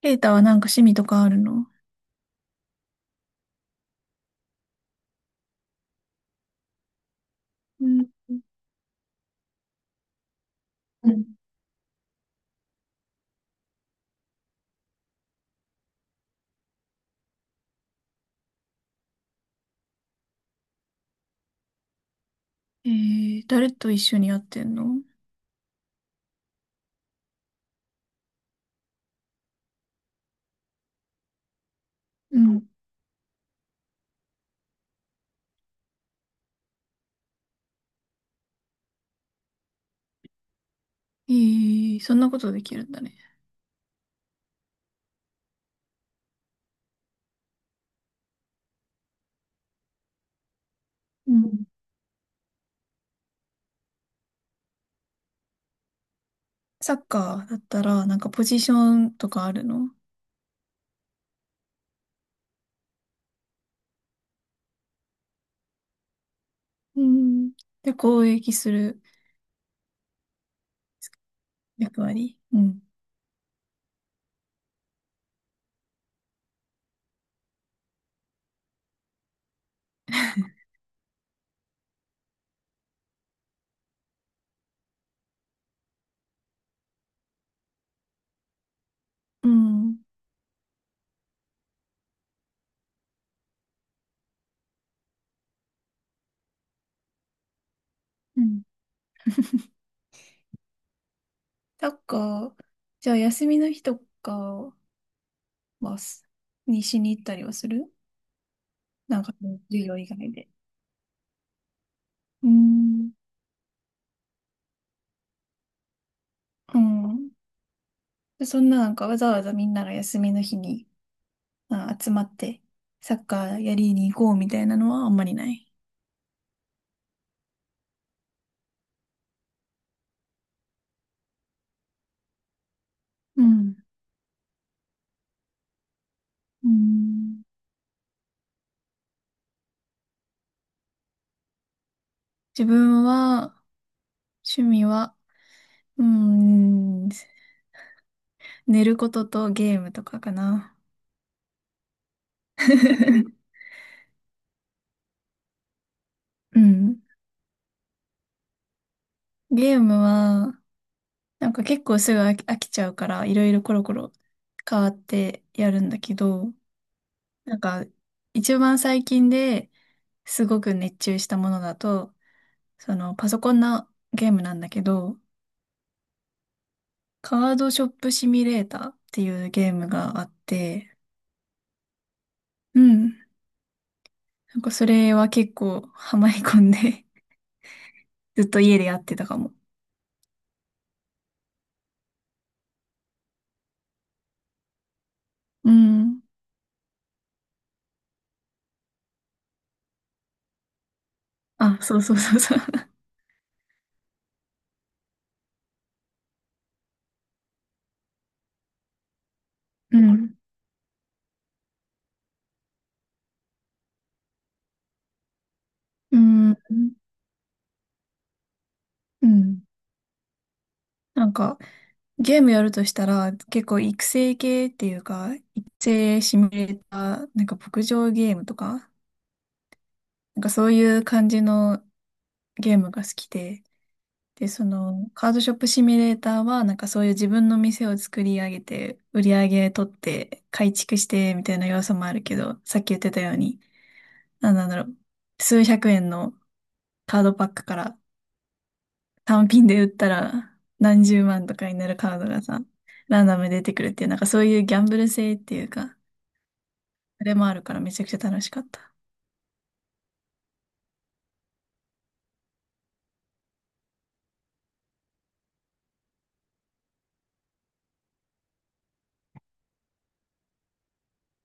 ケイタはなんか趣味とかあるの？うん。うん。えー、誰と一緒にやってんの？うん。えー、そんなことできるんだね。うん。サッカーだったら、なんかポジションとかあるの？うん。で、攻撃する役割？うん。うん。うん。サッカー、じゃあ休みの日とかはしに行ったりはする？なんか、授業以外で。うん。うん。でそんな、なんかわざわざみんなが休みの日に集まってサッカーやりに行こうみたいなのはあんまりない。うん。うん、自分は、趣味は、うん、寝ることとゲームとかかな。うん。ゲームは、なんか結構すぐ飽きちゃうから、いろいろコロコロ変わってやるんだけど、なんか、一番最近ですごく熱中したものだと、その、パソコンのゲームなんだけど、カードショップシミュレーターっていうゲームがあって、うん。なんかそれは結構ハマり込んで ずっと家でやってたかも。うん。あ、そうそうそうそう。うん。うん。うん。なんかゲームやるとしたら結構育成系っていうか、育成シミュレーター、なんか牧場ゲームとか、なんかそういう感じのゲームが好きで、で、その、カードショップシミュレーターは、なんかそういう自分の店を作り上げて、売り上げ取って、改築して、みたいな要素もあるけど、さっき言ってたように、なんなんだろう、数百円のカードパックから単品で売ったら何十万とかになるカードがさ、ランダムで出てくるっていう、なんかそういうギャンブル性っていうか、それもあるからめちゃくちゃ楽しかった。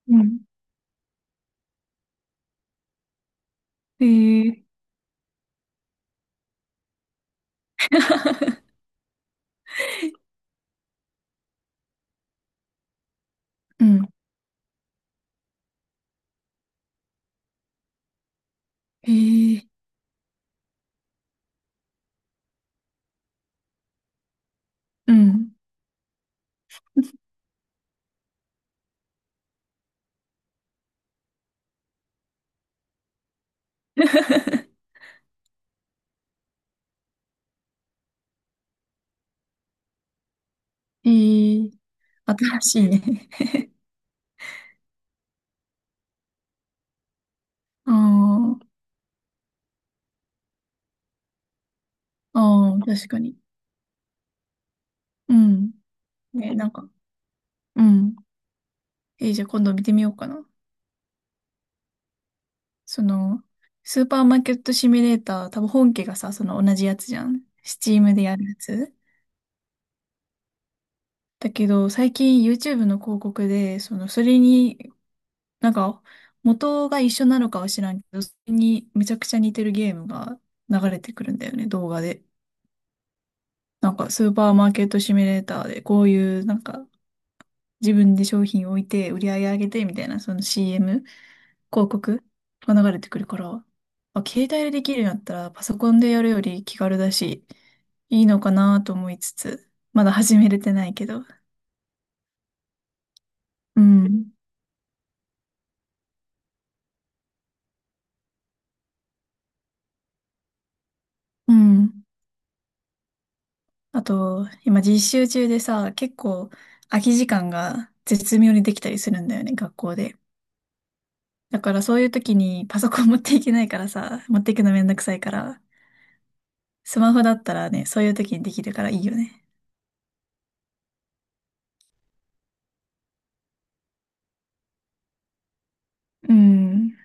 うん。ええ。うん。へえ。うん。へえ、新しいね。ああ、ああ、確かに。うん。ね、なんか、うん。えー、じゃあ今度見てみようかな。その、スーパーマーケットシミュレーター、多分本家がさ、その同じやつじゃん。スチームでやるやつ。だけど、最近 YouTube の広告で、その、それに、なんか、元が一緒なのかは知らんけど、それにめちゃくちゃ似てるゲームが流れてくるんだよね、動画で。なんか、スーパーマーケットシミュレーターで、こういう、なんか、自分で商品を置いて、売り上げ上げて、みたいな、その CM、広告が流れてくるから、あ、携帯でできるようになったら、パソコンでやるより気軽だし、いいのかなと思いつつ、まだ始めれてないけど。うん。うん。あと、今実習中でさ、結構空き時間が絶妙にできたりするんだよね、学校で。だからそういう時にパソコン持っていけないからさ、持っていくのめんどくさいから、スマホだったらね、そういう時にできるからいいよね。うん。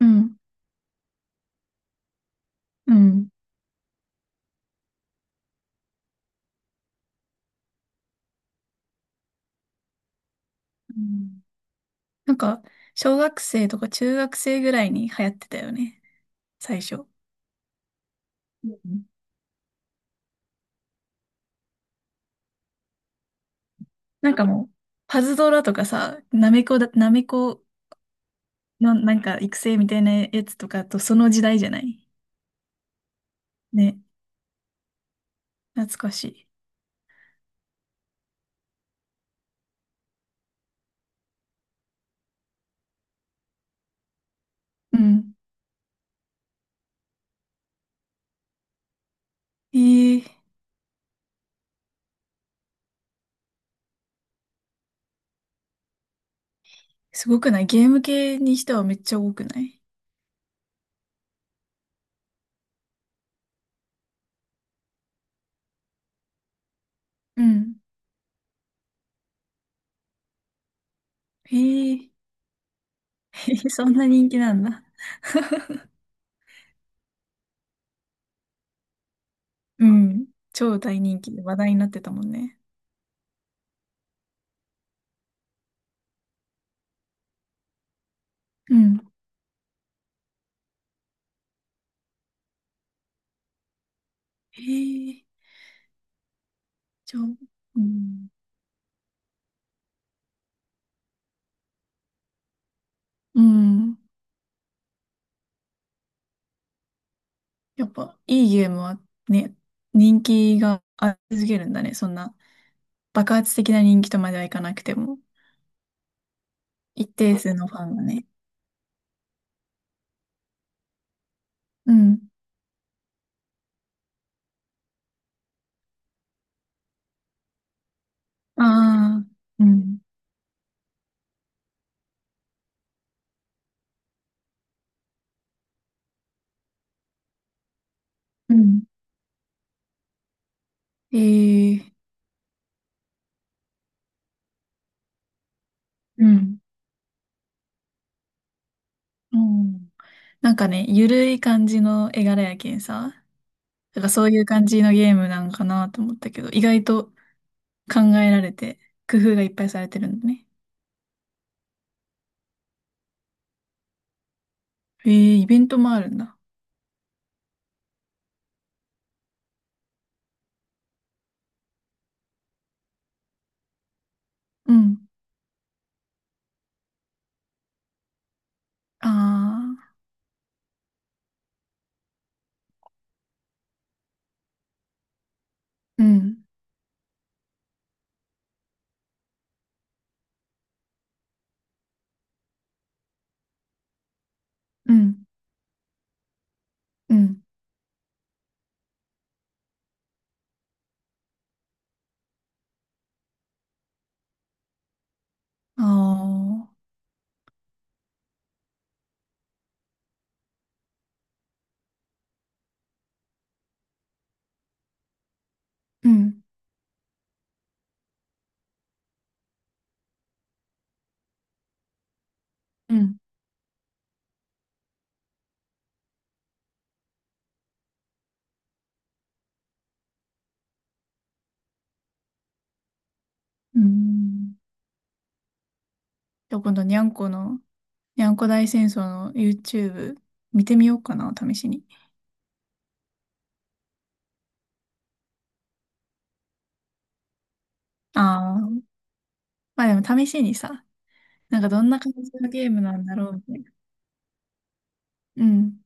うん、うん。うん。なんか、小学生とか中学生ぐらいに流行ってたよね、最初。うん。なんかもう、パズドラとかさ、ナメコのなんか育成みたいなやつとかとその時代じゃない？ね、懐かしい。うん。えー、すごくない？ゲーム系にしてはめっちゃ多くない？うん。えー、そんな人気なんだ。うん。超大人気で話題になってたもんね。うん。えー、じゃあ、うん。うん。やっぱ、いいゲームはね、人気があり続けるんだね。そんな、爆発的な人気とまではいかなくても、一定数のファンがね。うん。ああ、うん。うん。ええ。うん。うん。なんかね、ゆるい感じの絵柄やけんさ。だからそういう感じのゲームなんかなと思ったけど、意外と考えられて、工夫がいっぱいされてるんだね。ええ、イベントもあるんだ。うん。ああ、うん。うん。うん。ああ、うん、うん。うん。じゃあ今度、にゃんこ大戦争の YouTube 見てみようかな、試しに。ああ、まあでも試しにさ、なんかどんな感じのゲームなんだろうみたいな。うん。